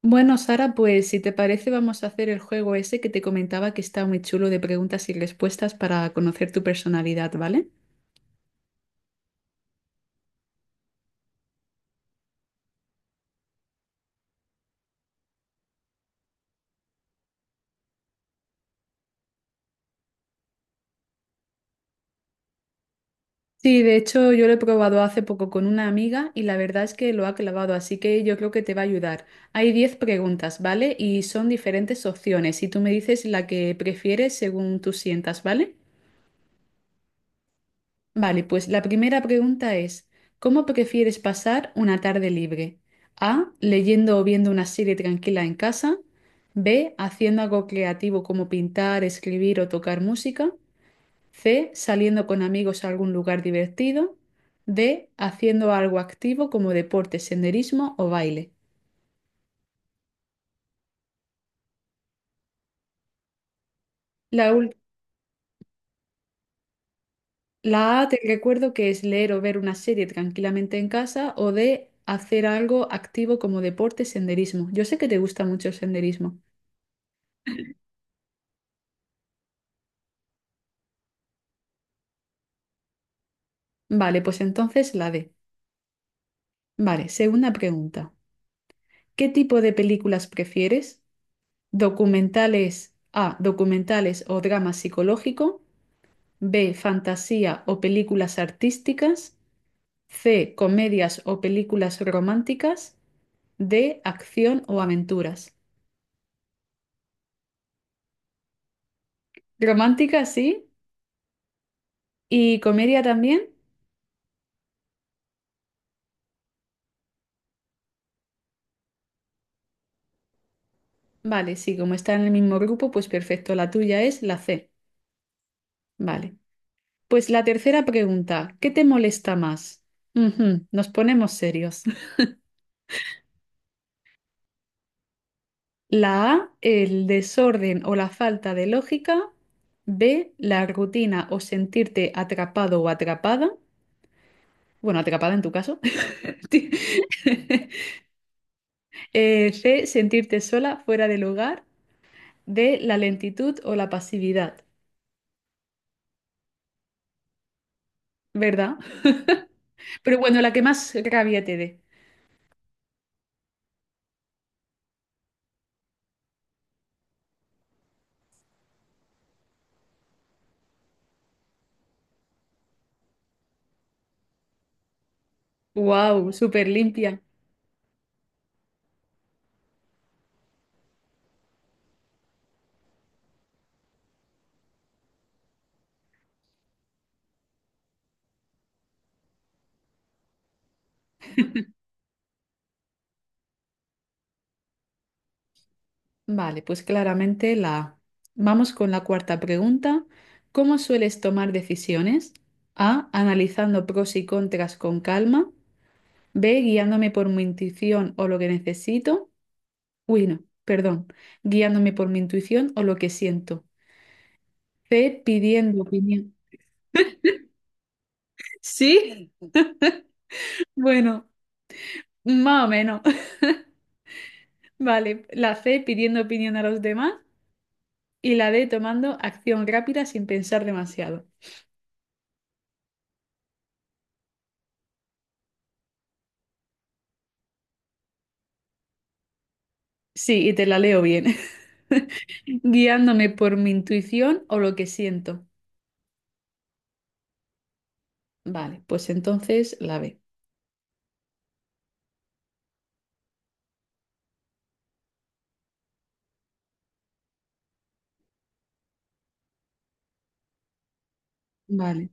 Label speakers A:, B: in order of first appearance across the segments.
A: Bueno, Sara, pues si te parece vamos a hacer el juego ese que te comentaba que está muy chulo de preguntas y respuestas para conocer tu personalidad, ¿vale? Sí, de hecho yo lo he probado hace poco con una amiga y la verdad es que lo ha clavado, así que yo creo que te va a ayudar. Hay 10 preguntas, ¿vale? Y son diferentes opciones y tú me dices la que prefieres según tú sientas, ¿vale? Vale, pues la primera pregunta es, ¿cómo prefieres pasar una tarde libre? A, leyendo o viendo una serie tranquila en casa. B, haciendo algo creativo como pintar, escribir o tocar música. C, saliendo con amigos a algún lugar divertido. D, haciendo algo activo como deporte, senderismo o baile. La, ul- la A te recuerdo que es leer o ver una serie tranquilamente en casa o D, hacer algo activo como deporte, senderismo. Yo sé que te gusta mucho el senderismo. Vale, pues entonces la D. Vale, segunda pregunta. ¿Qué tipo de películas prefieres? Documentales A, documentales o drama psicológico. B, fantasía o películas artísticas. C, comedias o películas románticas. D, acción o aventuras. Romántica, sí. ¿Y comedia también? Vale, sí, como está en el mismo grupo, pues perfecto. La tuya es la C. Vale. Pues la tercera pregunta, ¿qué te molesta más? Ujú, nos ponemos serios. La A, el desorden o la falta de lógica. B, la rutina o sentirte atrapado o atrapada. Bueno, atrapada en tu caso. Ti- C, sentirte sola, fuera de lugar. D, la lentitud o la pasividad, ¿verdad? Pero bueno, la que más rabia te dé. ¡Wow! Súper limpia. Vale, pues claramente la A. Vamos con la cuarta pregunta. ¿Cómo sueles tomar decisiones? A. Analizando pros y contras con calma. B. Guiándome por mi intuición o lo que necesito. Uy, no, perdón. Guiándome por mi intuición o lo que siento. C. Pidiendo opinión. ¿Sí? Bueno, más o menos. Vale, la C. Pidiendo opinión a los demás. Y la D. Tomando acción rápida sin pensar demasiado. Sí, y te la leo bien. Guiándome por mi intuición o lo que siento. Vale, pues entonces la B. Vale,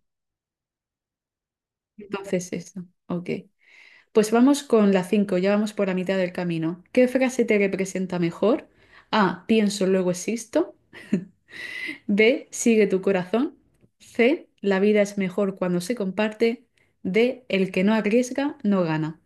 A: entonces eso. Ok. Pues vamos con la 5. Ya vamos por la mitad del camino. ¿Qué frase te representa mejor? A, pienso, luego existo. B, sigue tu corazón. C, la vida es mejor cuando se comparte. D, el que no arriesga, no gana.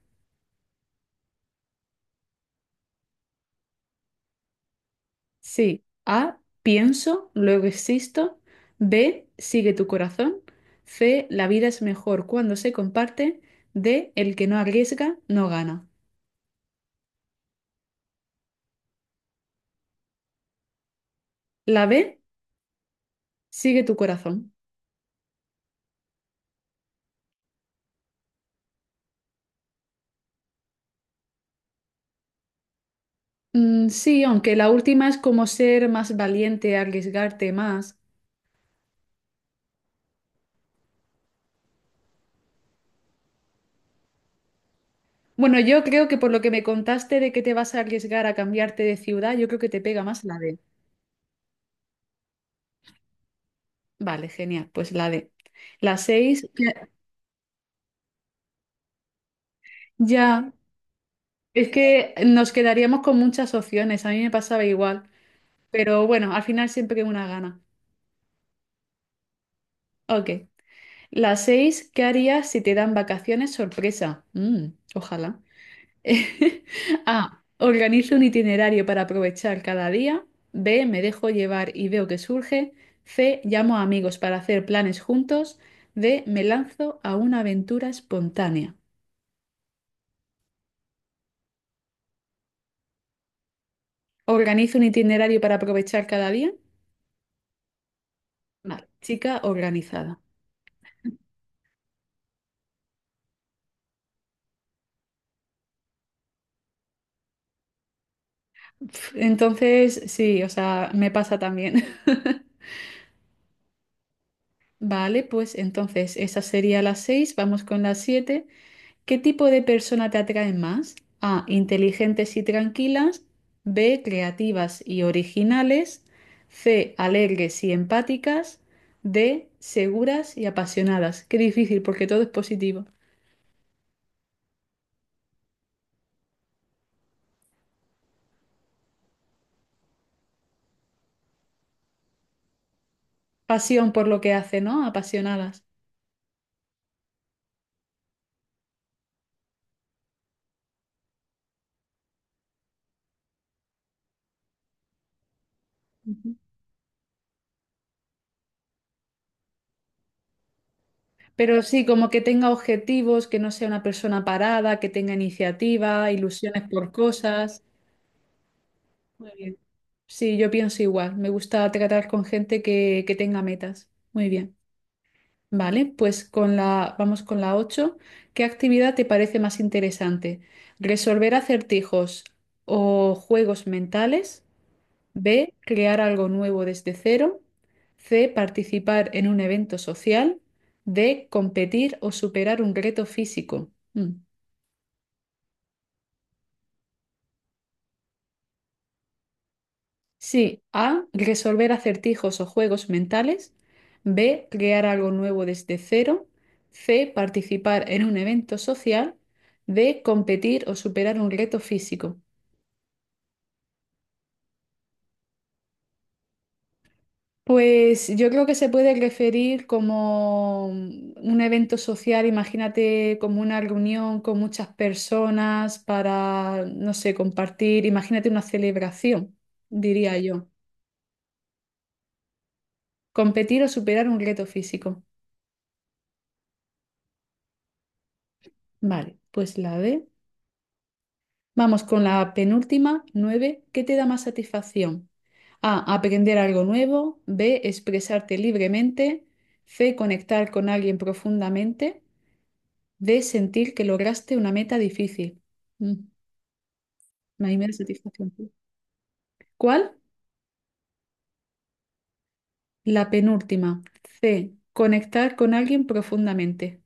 A: Sí. A, pienso, luego existo. B, sigue tu corazón. C, la vida es mejor cuando se comparte. D, el que no arriesga no gana. La B, sigue tu corazón. Mm, sí, aunque la última es como ser más valiente, arriesgarte más. Bueno, yo creo que por lo que me contaste de que te vas a arriesgar a cambiarte de ciudad, yo creo que te pega más la D. Vale, genial, pues la D. La 6, ya, ya. Es que nos quedaríamos con muchas opciones, a mí me pasaba igual, pero bueno, al final siempre que una gana. Ok. La seis, ¿qué harías si te dan vacaciones sorpresa? Ojalá. A, organizo un itinerario para aprovechar cada día. B, me dejo llevar y veo que surge. C, llamo a amigos para hacer planes juntos. D, me lanzo a una aventura espontánea. ¿Organizo un itinerario para aprovechar cada día? Vale, chica organizada. Entonces, sí, o sea, me pasa también. Vale, pues entonces esa sería la 6. Vamos con la 7. ¿Qué tipo de persona te atrae más? A, inteligentes y tranquilas, B, creativas y originales, C, alegres y empáticas, D, seguras y apasionadas. Qué difícil porque todo es positivo. Pasión por lo que hace, ¿no? Apasionadas. Pero sí, como que tenga objetivos, que no sea una persona parada, que tenga iniciativa, ilusiones por cosas. Muy bien. Sí, yo pienso igual. Me gusta tratar con gente que tenga metas. Muy bien. Vale, pues con la, vamos con la ocho. ¿Qué actividad te parece más interesante? ¿Resolver acertijos o juegos mentales? B, crear algo nuevo desde cero. C, participar en un evento social. D, competir o superar un reto físico. Mm. Sí, A, resolver acertijos o juegos mentales. B, crear algo nuevo desde cero. C, participar en un evento social. D, competir o superar un reto físico. Pues yo creo que se puede referir como un evento social, imagínate como una reunión con muchas personas para, no sé, compartir, imagínate una celebración, diría yo. Competir o superar un reto físico. Vale, pues la D. Vamos con la penúltima, nueve. ¿Qué te da más satisfacción? A, aprender algo nuevo. B, expresarte libremente. C, conectar con alguien profundamente. De sentir que lograste una meta difícil. Mm, ahí me da satisfacción. ¿Cuál? La penúltima. C. Conectar con alguien profundamente.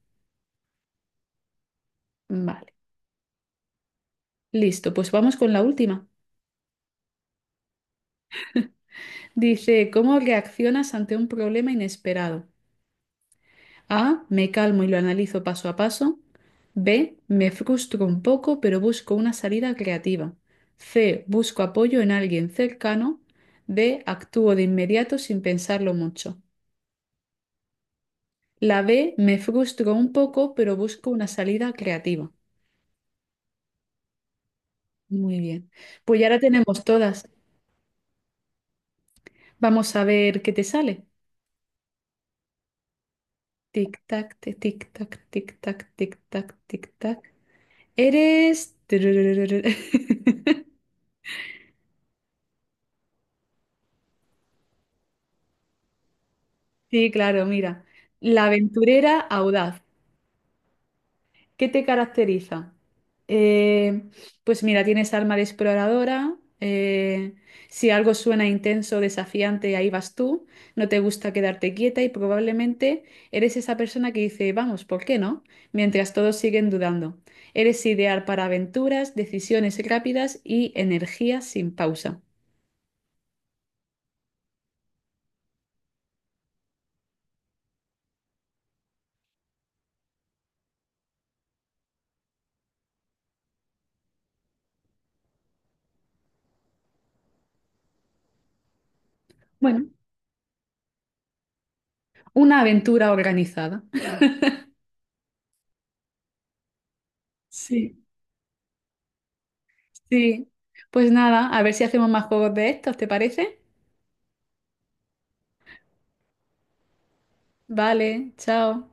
A: Vale. Listo, pues vamos con la última. Dice, ¿cómo reaccionas ante un problema inesperado? A. Me calmo y lo analizo paso a paso. B. Me frustro un poco, pero busco una salida creativa. C. Busco apoyo en alguien cercano. D. Actúo de inmediato sin pensarlo mucho. La B me frustró un poco, pero busco una salida creativa. Muy bien. Pues ya la tenemos todas. Vamos a ver qué te sale. Tic tac, tic tac, tic tac, tic tac, tic tac. Eres... Sí, claro, mira. La aventurera audaz. ¿Qué te caracteriza? Eh, pues mira, tienes alma de exploradora. Si algo suena intenso, desafiante, ahí vas tú. No te gusta quedarte quieta y probablemente eres esa persona que dice, vamos, ¿por qué no? Mientras todos siguen dudando. Eres ideal para aventuras, decisiones rápidas y energía sin pausa. Bueno, una aventura organizada. Sí. Sí, pues nada, a ver si hacemos más juegos de estos, ¿te parece? Vale, chao.